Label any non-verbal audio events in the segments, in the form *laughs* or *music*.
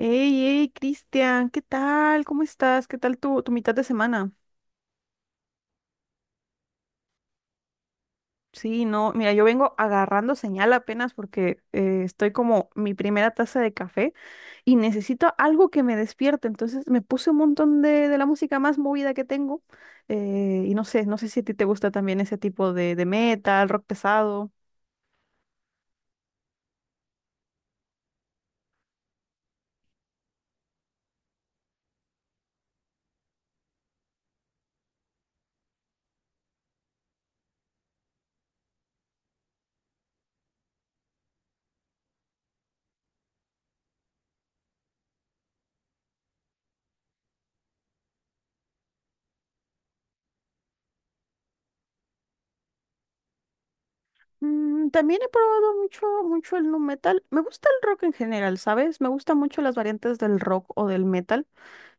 Hey, hey, Cristian, ¿qué tal? ¿Cómo estás? ¿Qué tal tu mitad de semana? Sí, no, mira, yo vengo agarrando señal apenas porque estoy como mi primera taza de café y necesito algo que me despierte. Entonces me puse un montón de la música más movida que tengo y no sé si a ti te gusta también ese tipo de metal, rock pesado. También he probado mucho, mucho el nu metal. Me gusta el rock en general, ¿sabes? Me gustan mucho las variantes del rock o del metal.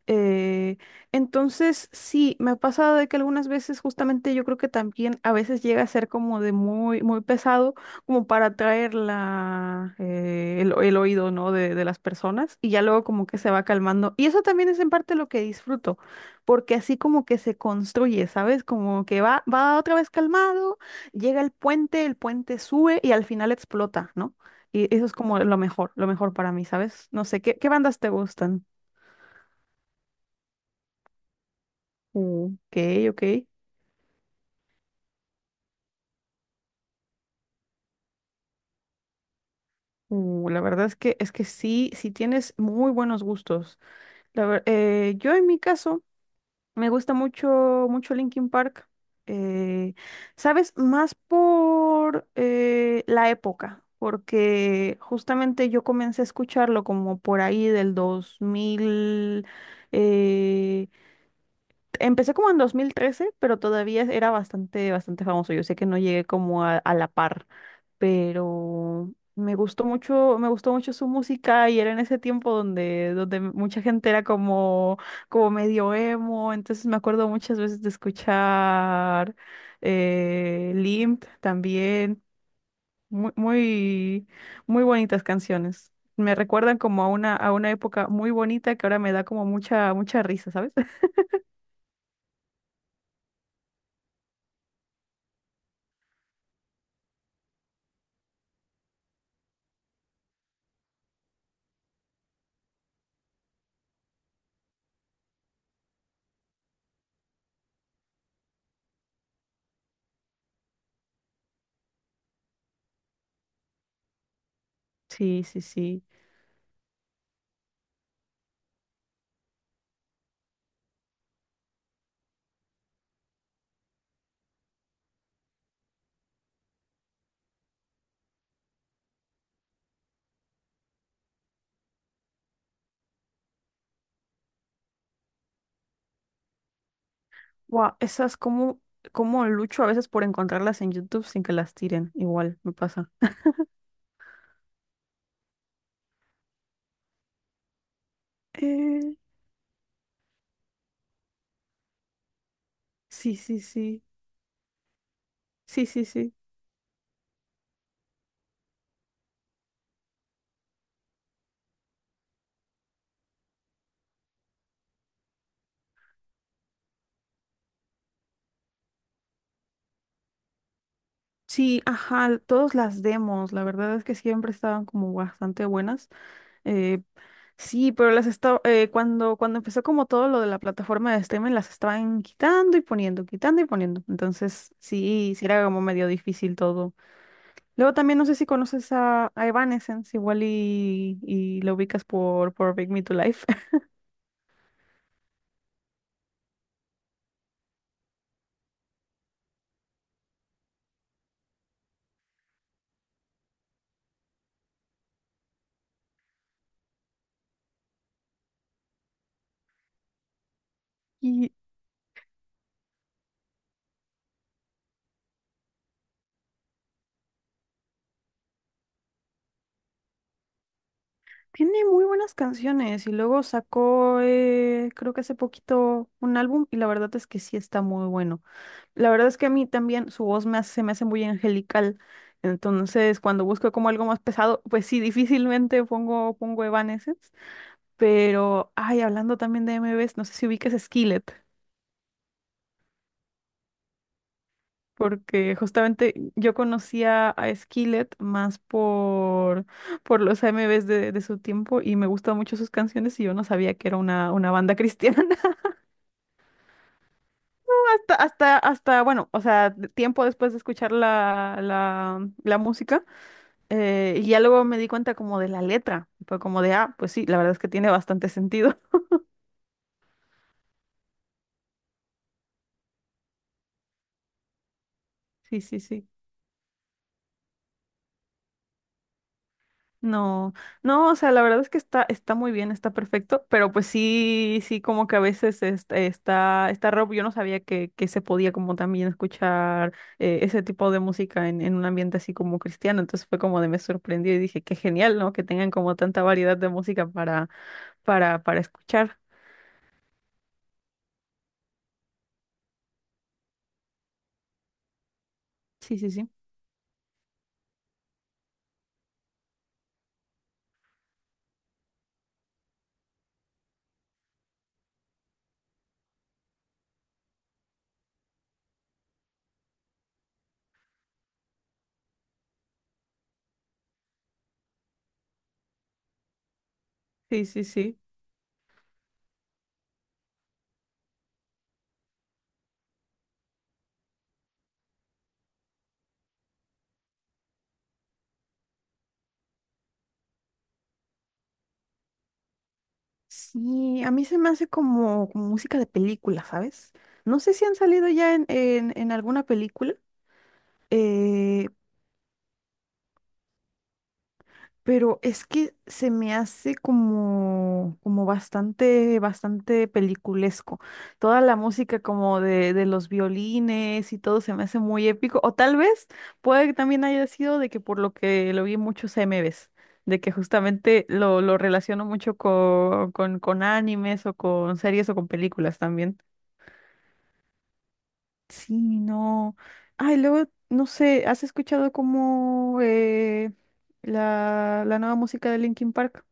Eh, entonces, sí, me ha pasado de que algunas veces justamente yo creo que también a veces llega a ser como de muy, muy pesado, como para atraer la, el oído, ¿no? de las personas y ya luego como que se va calmando. Y eso también es en parte lo que disfruto, porque así como que se construye, ¿sabes? Como que va otra vez calmado, llega el puente sube y al final explota, ¿no? Y eso es como lo mejor para mí, ¿sabes? No sé, ¿qué bandas te gustan? Mm, ok, ok. La verdad es que sí, sí tienes muy buenos gustos. Yo en mi caso me gusta mucho, mucho Linkin Park. eh, ¿Sabes? Más por la época, porque justamente yo comencé a escucharlo como por ahí del 2000. eh, empecé como en 2013, pero todavía era bastante, bastante famoso. Yo sé que no llegué como a la par. Pero me gustó mucho su música y era en ese tiempo donde, donde mucha gente era como, como medio emo, entonces me acuerdo muchas veces de escuchar Limp también, muy, muy, muy bonitas canciones. Me recuerdan como a una época muy bonita que ahora me da como mucha, mucha risa, ¿sabes? *laughs* Sí, sí, sí. Wow, esas como, como lucho a veces por encontrarlas en YouTube sin que las tiren, igual me pasa. Eh, Sí, sí, sí, sí, sí, sí. Sí, ajá, todas las demos, la verdad es que siempre estaban como bastante buenas. Eh, sí, pero las estaba, cuando empezó como todo lo de la plataforma de streaming, las estaban quitando y poniendo, quitando y poniendo. Entonces, sí, sí era como medio difícil todo. Luego también no sé si conoces a Evanescence, igual y lo ubicas por Bring Me to Life. *laughs* Tiene muy buenas canciones y luego sacó, creo que hace poquito, un álbum y la verdad es que sí está muy bueno. La verdad es que a mí también su voz se me hace muy angelical, entonces cuando busco como algo más pesado, pues sí, *laughs* difícilmente pongo Evanescence, pero, ay, hablando también de M MVs, no sé si ubiques Skillet, porque justamente yo conocía a Skillet más por los M AMVs de su tiempo y me gustan mucho sus canciones y yo no sabía que era una banda *laughs* cristiana. Bueno, o sea, tiempo después de escuchar la música, y ya luego me di cuenta como de la letra, fue como de, ah, pues sí, la verdad es que tiene bastante sentido. *laughs* Sí, sí, sí. No, no, o sea, la verdad es que está muy bien, está perfecto, pero pues sí, sí, como que a veces está rock, yo no sabía que se podía como también escuchar ese tipo de música en un ambiente así como cristiano, entonces fue como de me sorprendió y dije, qué genial, ¿no? Que tengan como tanta variedad de música para escuchar. Sí, sí, sí. Sí, sí, sí. Sí, a mí se me hace como, como música de película, ¿sabes? No sé si han salido ya en, en alguna película. eh, Pero es que se me hace como, como bastante, bastante peliculesco. Toda la música como de los violines y todo se me hace muy épico. O tal vez puede que también haya sido de que por lo que lo vi en muchos MVs, de que justamente lo relaciono mucho con con animes o con series o con películas también. Sí, no. Ay, luego, no sé, ¿has escuchado como la nueva música de Linkin Park?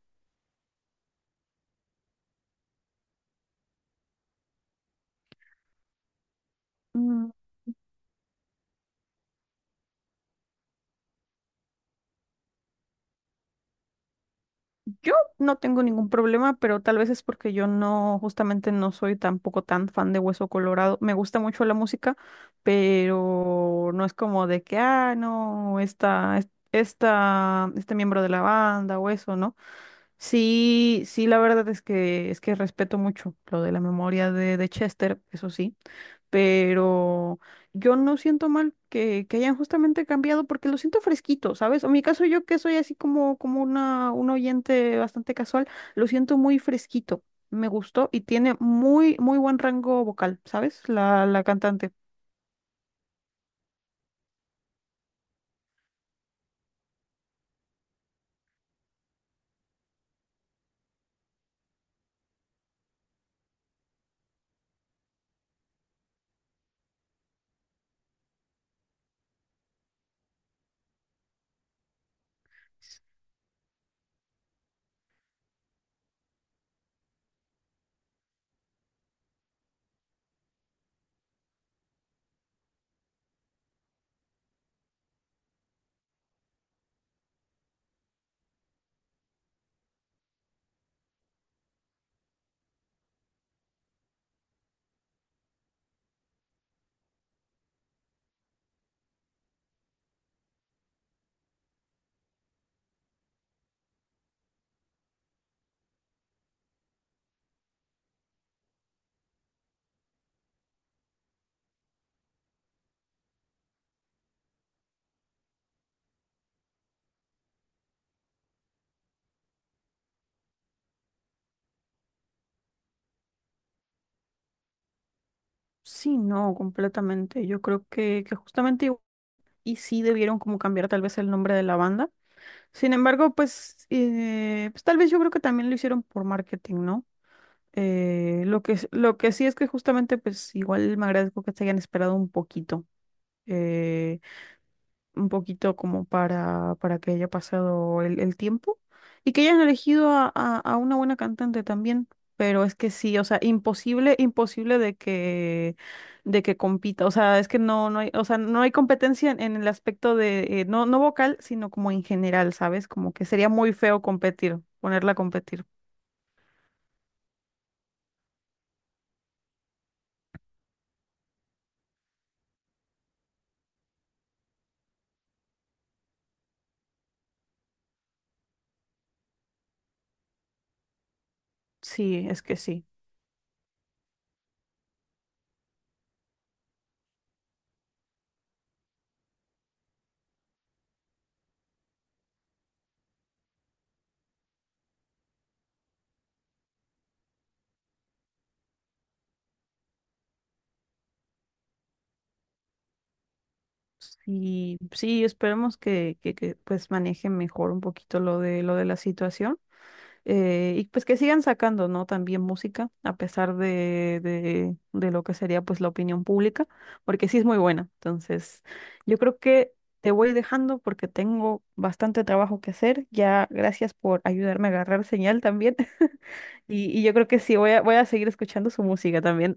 Mm, Yo no tengo ningún problema, pero tal vez es porque yo no, justamente no soy tampoco tan fan de Hueso Colorado. Me gusta mucho la música, pero no es como de que, ah, no, este miembro de la banda o eso, ¿no? Sí, sí, la verdad es que respeto mucho lo de la memoria de Chester, eso sí. Pero yo no siento mal que hayan justamente cambiado porque lo siento fresquito, ¿sabes? O en mi caso yo que soy así como, como un oyente bastante casual, lo siento muy fresquito, me gustó y tiene muy, muy buen rango vocal, ¿sabes? La cantante. Sí, no, completamente. Yo creo que justamente y sí debieron como cambiar tal vez el nombre de la banda. Sin embargo, pues, pues tal vez yo creo que también lo hicieron por marketing, ¿no? Lo que sí es que justamente, pues igual me agradezco que se hayan esperado eh, un poquito como para que haya pasado el tiempo y que hayan elegido a una buena cantante también. Pero es que sí, o sea, imposible, imposible de que compita. O sea, es que no, no hay, o sea, no hay competencia en el aspecto de, no, no vocal, sino como en general, ¿sabes? Como que sería muy feo competir, ponerla a competir. Sí, es que sí. Y sí, esperemos que pues manejen mejor un poquito lo de la situación. Y pues que sigan sacando, ¿no? También música, a pesar de lo que sería pues la opinión pública, porque sí es muy buena. Entonces, yo creo que te voy dejando porque tengo bastante trabajo que hacer. Ya, gracias por ayudarme a agarrar señal también. *laughs* Y yo creo que sí, voy a seguir escuchando su música también.